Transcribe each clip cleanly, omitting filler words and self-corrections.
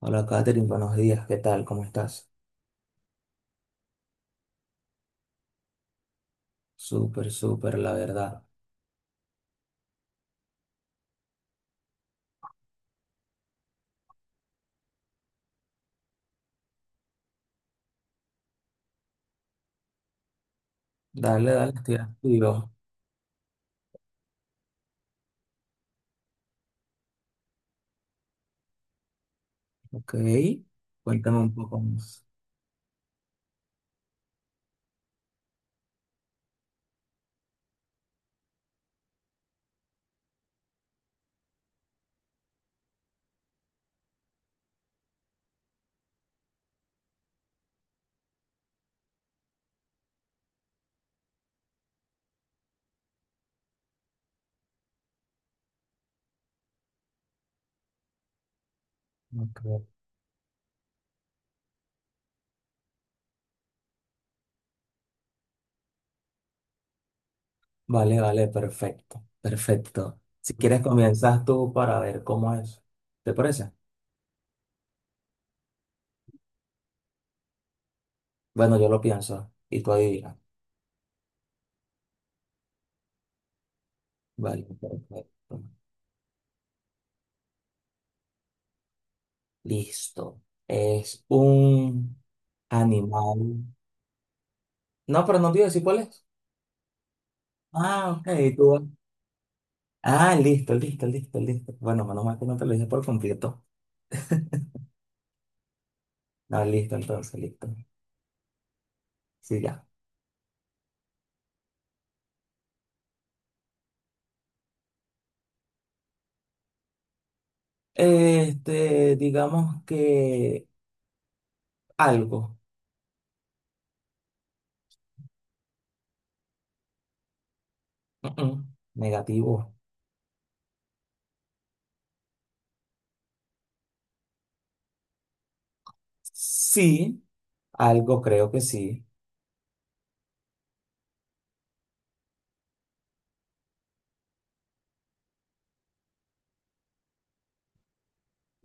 Hola Katherine, buenos días, ¿qué tal? ¿Cómo estás? Súper, súper, la verdad. Dale, dale, estoy activo. Ok, cuéntame un poco más. Ok. Vale, vale, perfecto, perfecto. Si quieres comienzas tú para ver cómo es. ¿Te parece? Bueno, yo lo pienso y tú adivinas. Vale, perfecto. Listo. Es un animal. No, pero no te iba a decir cuál es. Ah, ok, tú. Ah, listo, listo, listo, listo. Bueno, menos mal que no te lo dije por completo. Ah, listo, entonces, listo. Sí, ya. Digamos que algo. Mm, mm. Negativo. Sí, algo creo que sí.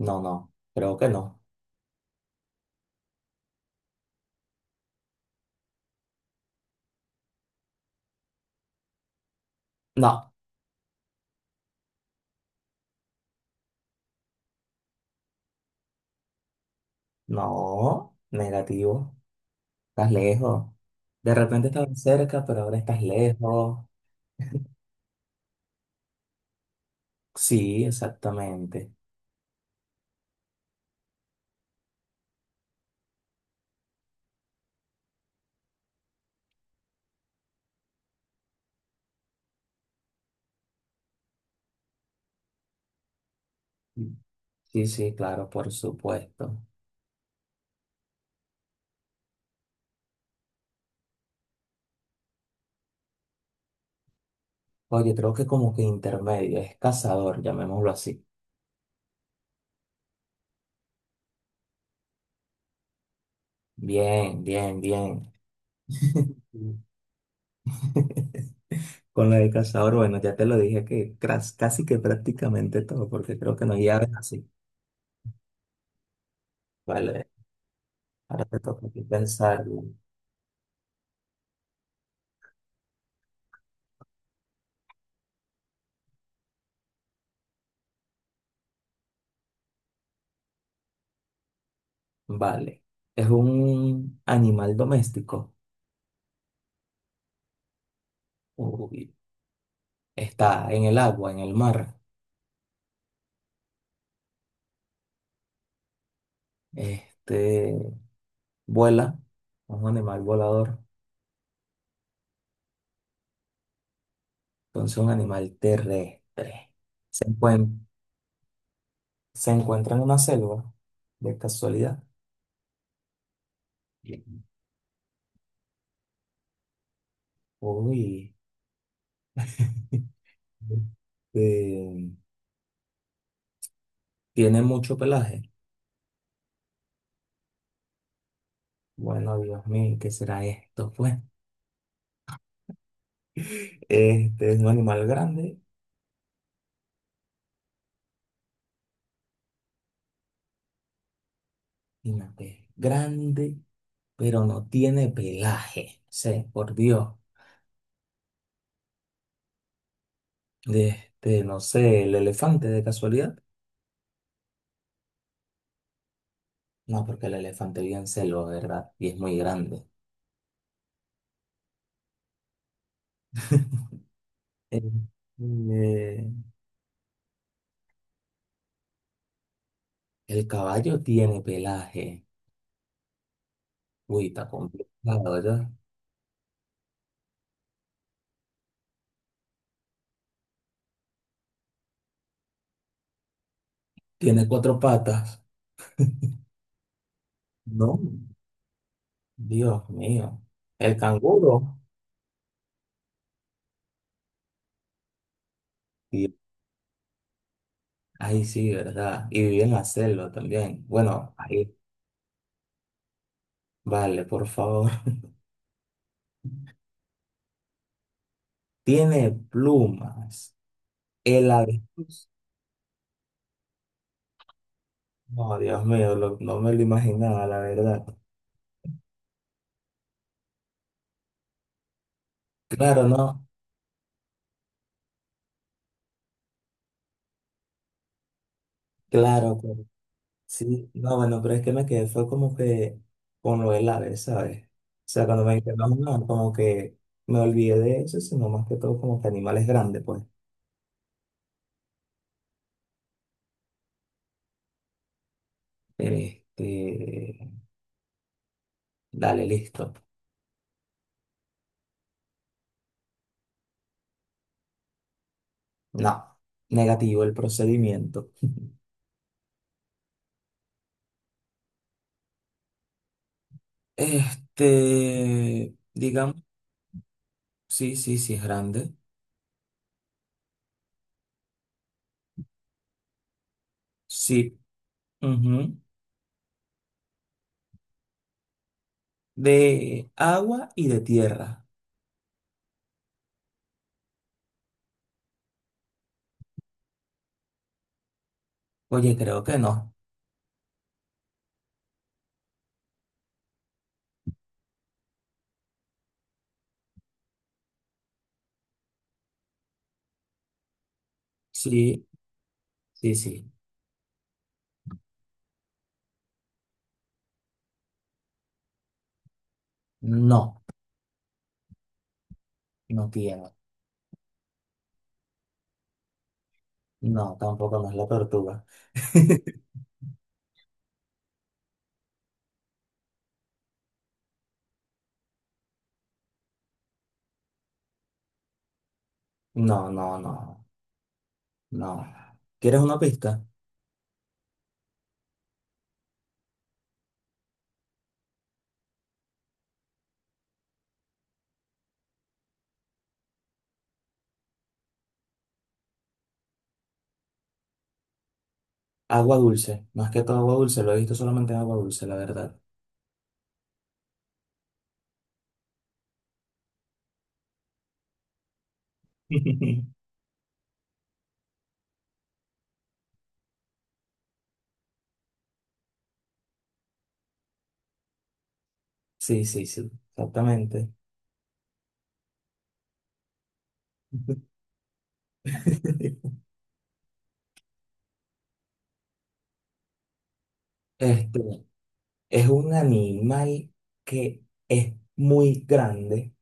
No, no, creo que no. No, no, negativo. Estás lejos. De repente estabas cerca, pero ahora estás lejos. Sí, exactamente. Sí, sí, claro, por supuesto. Oye, creo que como que intermedio, es cazador, llamémoslo así. Bien, bien, bien. Con la de cazador, bueno, ya te lo dije que casi que prácticamente todo, porque creo que no hay aves así. Vale, ahora te toca a ti pensar. Vale, es un animal doméstico. Uy, está en el agua, en el mar. Este, vuela, es un animal volador, entonces un animal terrestre. Se encuentra, se encuentra en una selva, de casualidad. Uy, este, tiene mucho pelaje. Bueno, Dios mío, ¿qué será esto? Pues, este es un animal grande, imagínate, grande, pero no tiene pelaje. Sí, por Dios. De este, no sé, el elefante de casualidad. No, porque el elefante bien celo, ¿verdad? Y es muy grande. Eh, eh, el caballo tiene pelaje. Uy, está complicado, ¿ya? Tiene cuatro patas. No, Dios mío. El canguro. Ay, sí, ¿verdad? Y vive en la selva también. Bueno, ahí, vale, por favor. Tiene plumas. El avestruz. No, Dios mío, no me lo imaginaba, la verdad. Claro, no, claro, pero- sí. No, bueno, pero es que me quedé, fue como que con lo del ave, ¿sabes? O sea, cuando me dijeron, no, no, como que me olvidé de eso, sino más que todo como que animales grandes, pues. Este, dale, listo. No, negativo el procedimiento. Este, digamos, sí, sí, sí es grande. Sí, ujú. De agua y de tierra. Oye, creo que no. Sí, sí, sí. No, no tiene. No, tampoco no es la tortuga. No, no, no, no. ¿Quieres una pista? Agua dulce. Más que todo agua dulce. Lo he visto solamente en agua dulce, la verdad. Sí, sí, sí. Exactamente. Este. Es un animal que es muy grande,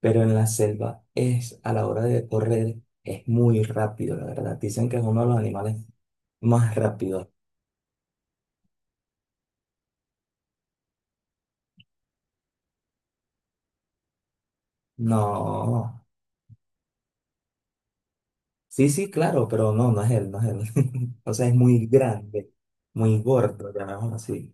pero en la selva es, a la hora de correr, es muy rápido, la verdad. Dicen que es uno de los animales más rápidos. No, sí, sí, claro, pero no, no es él, no es él. O sea, es muy grande, muy gordo, llamémoslo así.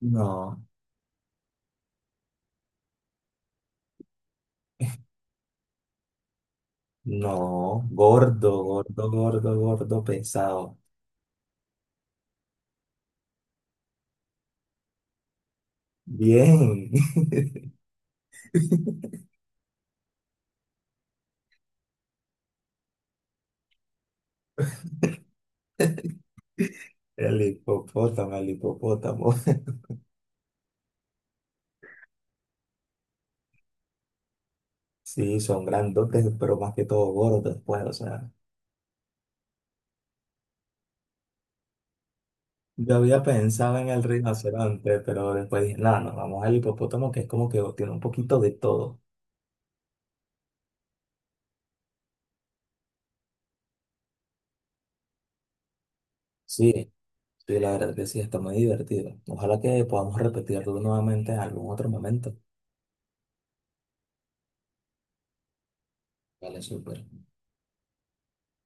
No, no, gordo, gordo, gordo, gordo, pesado. Bien, el hipopótamo, el hipopótamo. Sí, son grandotes, pero más que todo gordos, después o sea. Yo había pensado en el rinoceronte, pero después dije, no, nos vamos al hipopótamo, que es como que tiene un poquito de todo. Sí, sí, la verdad que sí, está muy divertido. Ojalá que podamos repetirlo nuevamente en algún otro momento. Vale, súper.